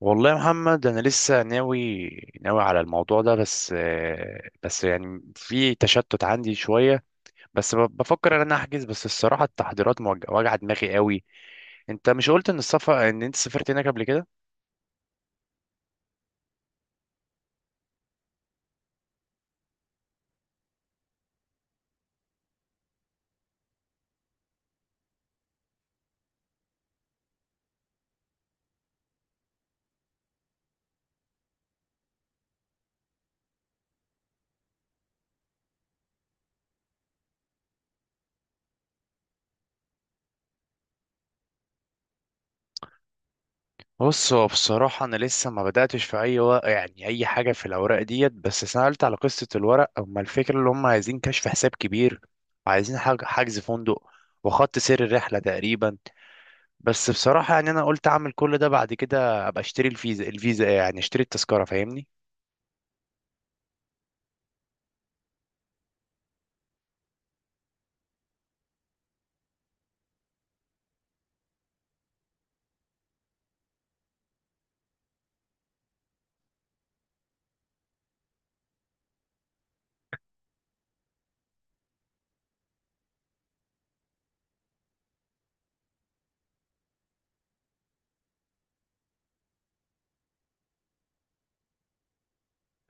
والله يا محمد انا لسه ناوي على الموضوع ده، بس بس في تشتت عندي شويه. بس بفكر ان انا احجز، بس الصراحه التحضيرات واجعه دماغي قوي. انت مش قلت ان السفر ان انت سافرت هناك قبل كده؟ بص، هو بصراحه انا لسه ما بداتش في اي و... يعني اي حاجه في الاوراق ديت، بس سالت على قصه الورق. اما الفكره اللي هم عايزين كشف حساب كبير، عايزين حجز فندق وخط سير الرحله تقريبا. بس بصراحة أنا قلت أعمل كل ده، بعد كده أبقى أشتري الفيزا، الفيزا إيه يعني، أشتري التذكرة، فاهمني؟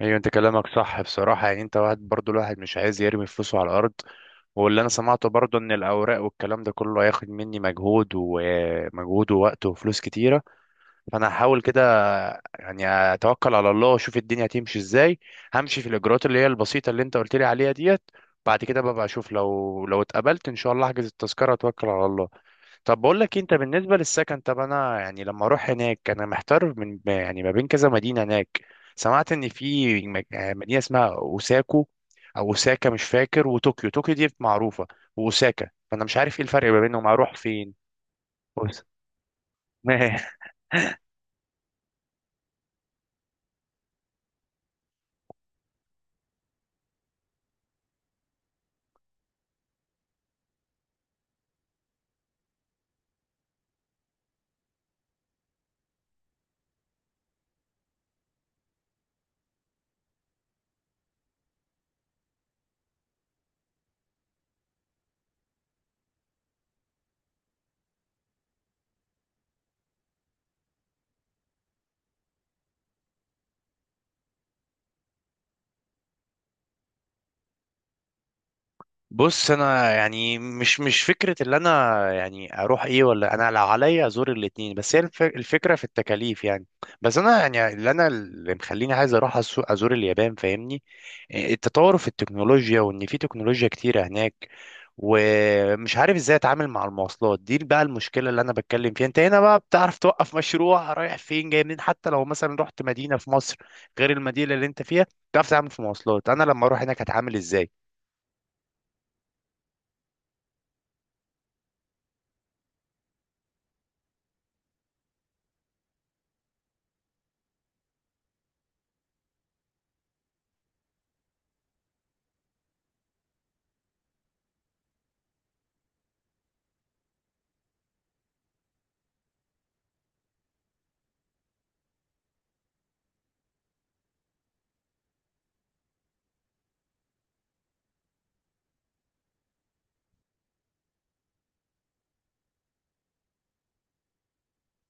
أيوة، أنت كلامك صح بصراحة، يعني أنت واحد برضو، الواحد مش عايز يرمي فلوسه على الأرض. واللي أنا سمعته برضو إن الأوراق والكلام ده كله هياخد مني مجهود ومجهود ووقت وفلوس كتيرة. فأنا هحاول كده، يعني، أتوكل على الله وأشوف الدنيا هتمشي إزاي. همشي في الإجراءات اللي هي البسيطة اللي أنت قلت لي عليها ديت، بعد كده ببقى أشوف، لو اتقبلت إن شاء الله أحجز التذكرة وأتوكل على الله. طب بقول لك إيه، انت بالنسبه للسكن، طب انا لما اروح هناك انا محتار، من يعني ما بين كذا مدينه هناك. سمعت ان في مدينه اسمها اوساكو او اوساكا مش فاكر، وطوكيو، طوكيو دي معروفه، واوساكا، فانا مش عارف ايه الفرق ما بينهم، اروح فين؟ بص. بص انا يعني مش مش فكره اللي انا اروح ايه ولا انا، لو عليا ازور الاتنين، بس هي الفكره في التكاليف يعني. بس انا اللي مخليني عايز ازور اليابان، فاهمني؟ التطور في التكنولوجيا، وان في تكنولوجيا كتيره هناك. ومش عارف ازاي اتعامل مع المواصلات دي بقى، المشكله اللي انا بتكلم فيها، انت هنا بقى بتعرف توقف مشروع، رايح فين جاي منين، حتى لو مثلا رحت مدينه في مصر غير المدينه اللي انت فيها، بتعرف تتعامل في مواصلات. انا لما اروح هناك هتعامل ازاي؟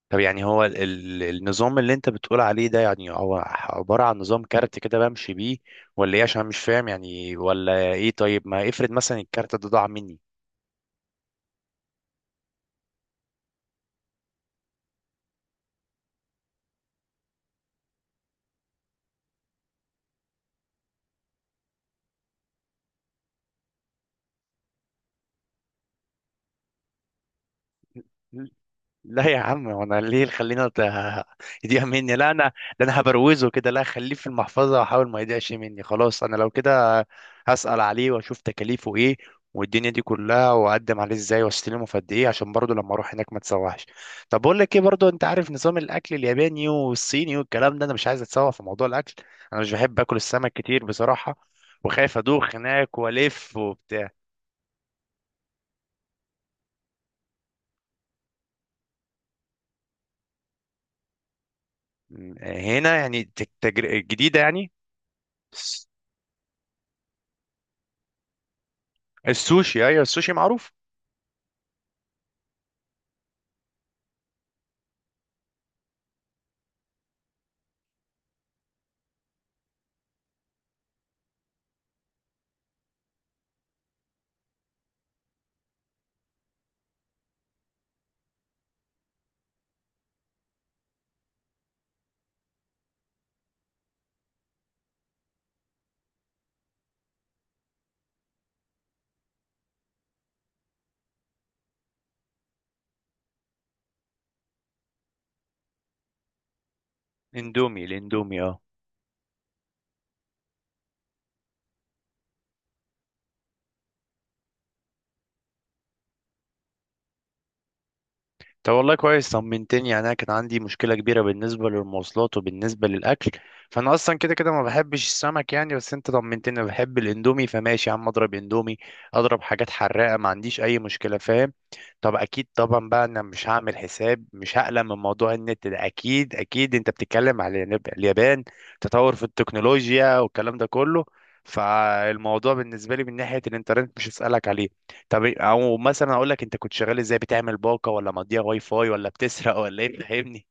طب يعني هو النظام اللي انت بتقول عليه ده، يعني هو عبارة عن نظام كارت كده بمشي بيه ولا ايه؟ عشان مش فاهم يعني ولا ايه. طيب ما افرض مثلا الكارت ده ضاع مني. لا يا عم، وانا ليه يضيع مني؟ لا انا، ده انا هبروزه كده، لا، خليه في المحفظه واحاول ما يضيعش مني. خلاص انا لو كده هسأل عليه واشوف تكاليفه ايه والدنيا دي كلها، واقدم عليه ازاي واستلمه في قد ايه، عشان برضه لما اروح هناك ما تسوحش. طب بقول لك ايه برضه، انت عارف نظام الاكل الياباني والصيني والكلام ده، انا مش عايز اتسوح في موضوع الاكل. انا مش بحب اكل السمك كتير بصراحه، وخايف ادوخ هناك والف وبتاع. هنا يعني جديده يعني؟ السوشي، ايوه السوشي معروف. اندومي، الاندومي اه. طب والله كويس، طمنتني يعني. انا كان عندي مشكله كبيره بالنسبه للمواصلات وبالنسبه للاكل. فانا اصلا كده كده ما بحبش السمك يعني، بس انت طمنتني، انا بحب الاندومي، فماشي يا عم اضرب اندومي، اضرب حاجات حراقه، ما عنديش اي مشكله، فاهم؟ طب اكيد طبعا بقى انا مش هعمل حساب، مش هقلق من موضوع النت ده. اكيد اكيد انت بتتكلم على اليابان، تطور في التكنولوجيا والكلام ده كله، فالموضوع بالنسبه لي من ناحيه الانترنت مش هسالك عليه. طب او مثلا اقول لك، انت كنت شغال ازاي، بتعمل باقه، ولا مضيع واي فاي، ولا بتسرق، ولا ايه؟ فهمني.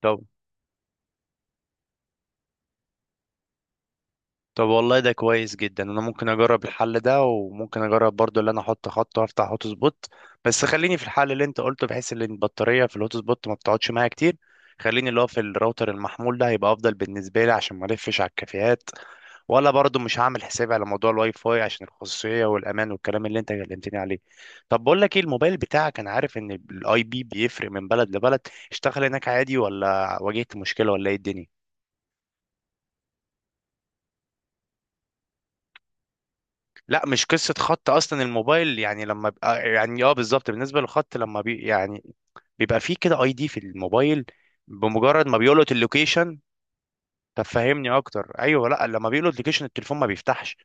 طب طب والله ده كويس جدا، انا ممكن اجرب الحل ده، وممكن اجرب برضو اللي انا احط خط وافتح هوت سبوت، بس خليني في الحل اللي انت قلته، بحيث ان البطاريه في الهوت سبوت ما بتقعدش معايا كتير. خليني اللي هو في الراوتر المحمول ده، هيبقى افضل بالنسبه لي عشان ما الفش على الكافيهات. ولا برضه مش هعمل حسابي على موضوع الواي فاي عشان الخصوصيه والامان والكلام اللي انت كلمتني عليه. طب بقول لك ايه، الموبايل بتاعك، انا عارف ان الاي بي بيفرق من بلد لبلد، اشتغل هناك عادي ولا واجهت مشكله ولا ايه الدنيا؟ لا مش قصه خط، اصلا الموبايل يعني لما بقى يعني اه بالظبط، بالنسبه للخط لما بي يعني، بيبقى فيه كده اي دي في الموبايل بمجرد ما بيلقط اللوكيشن. طب فهمني اكتر. ايوه، لا لما بيلقط اللوكيشن التليفون ما بيفتحش.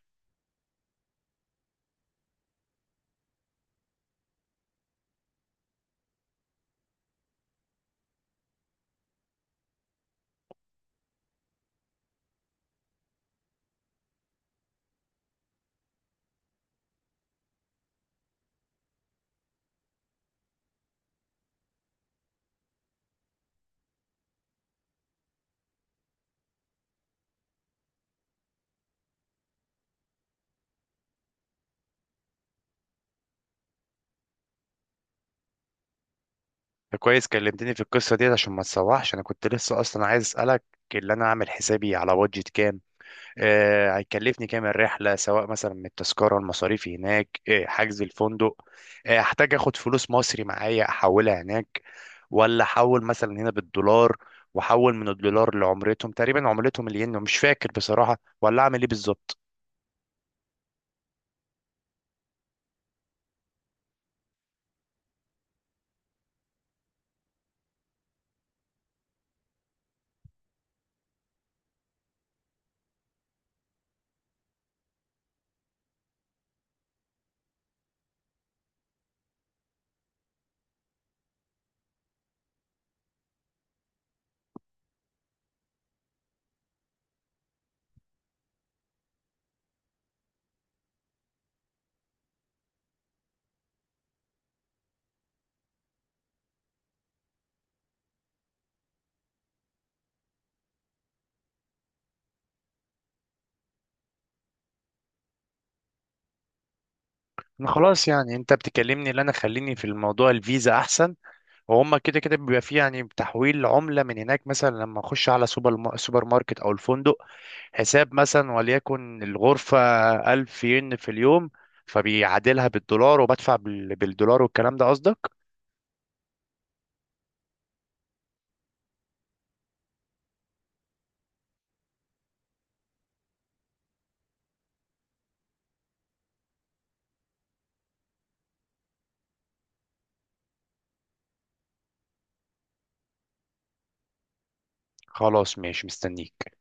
ده كويس كلمتني في القصه ديت عشان ما تسوحش، انا كنت لسه اصلا عايز اسالك اللي انا اعمل حسابي على بادجت كام. هيكلفني كام الرحله، سواء مثلا من التذكره، المصاريف هناك، حجز الفندق. احتاج اخد فلوس مصري معايا احولها هناك، ولا احول مثلا هنا بالدولار واحول من الدولار لعملتهم؟ تقريبا عملتهم الين مش فاكر بصراحه، ولا اعمل ايه بالظبط؟ انا خلاص يعني، انت بتكلمني اللي انا، خليني في الموضوع الفيزا احسن. وهم كده كده بيبقى فيه يعني تحويل عملة من هناك، مثلا لما اخش على سوبر ما- سوبر ماركت او الفندق، حساب مثلا وليكن الغرفة 1000 ين في اليوم، فبيعادلها بالدولار، وبدفع بالدولار والكلام ده قصدك؟ خلاص ماشي، مستنيك.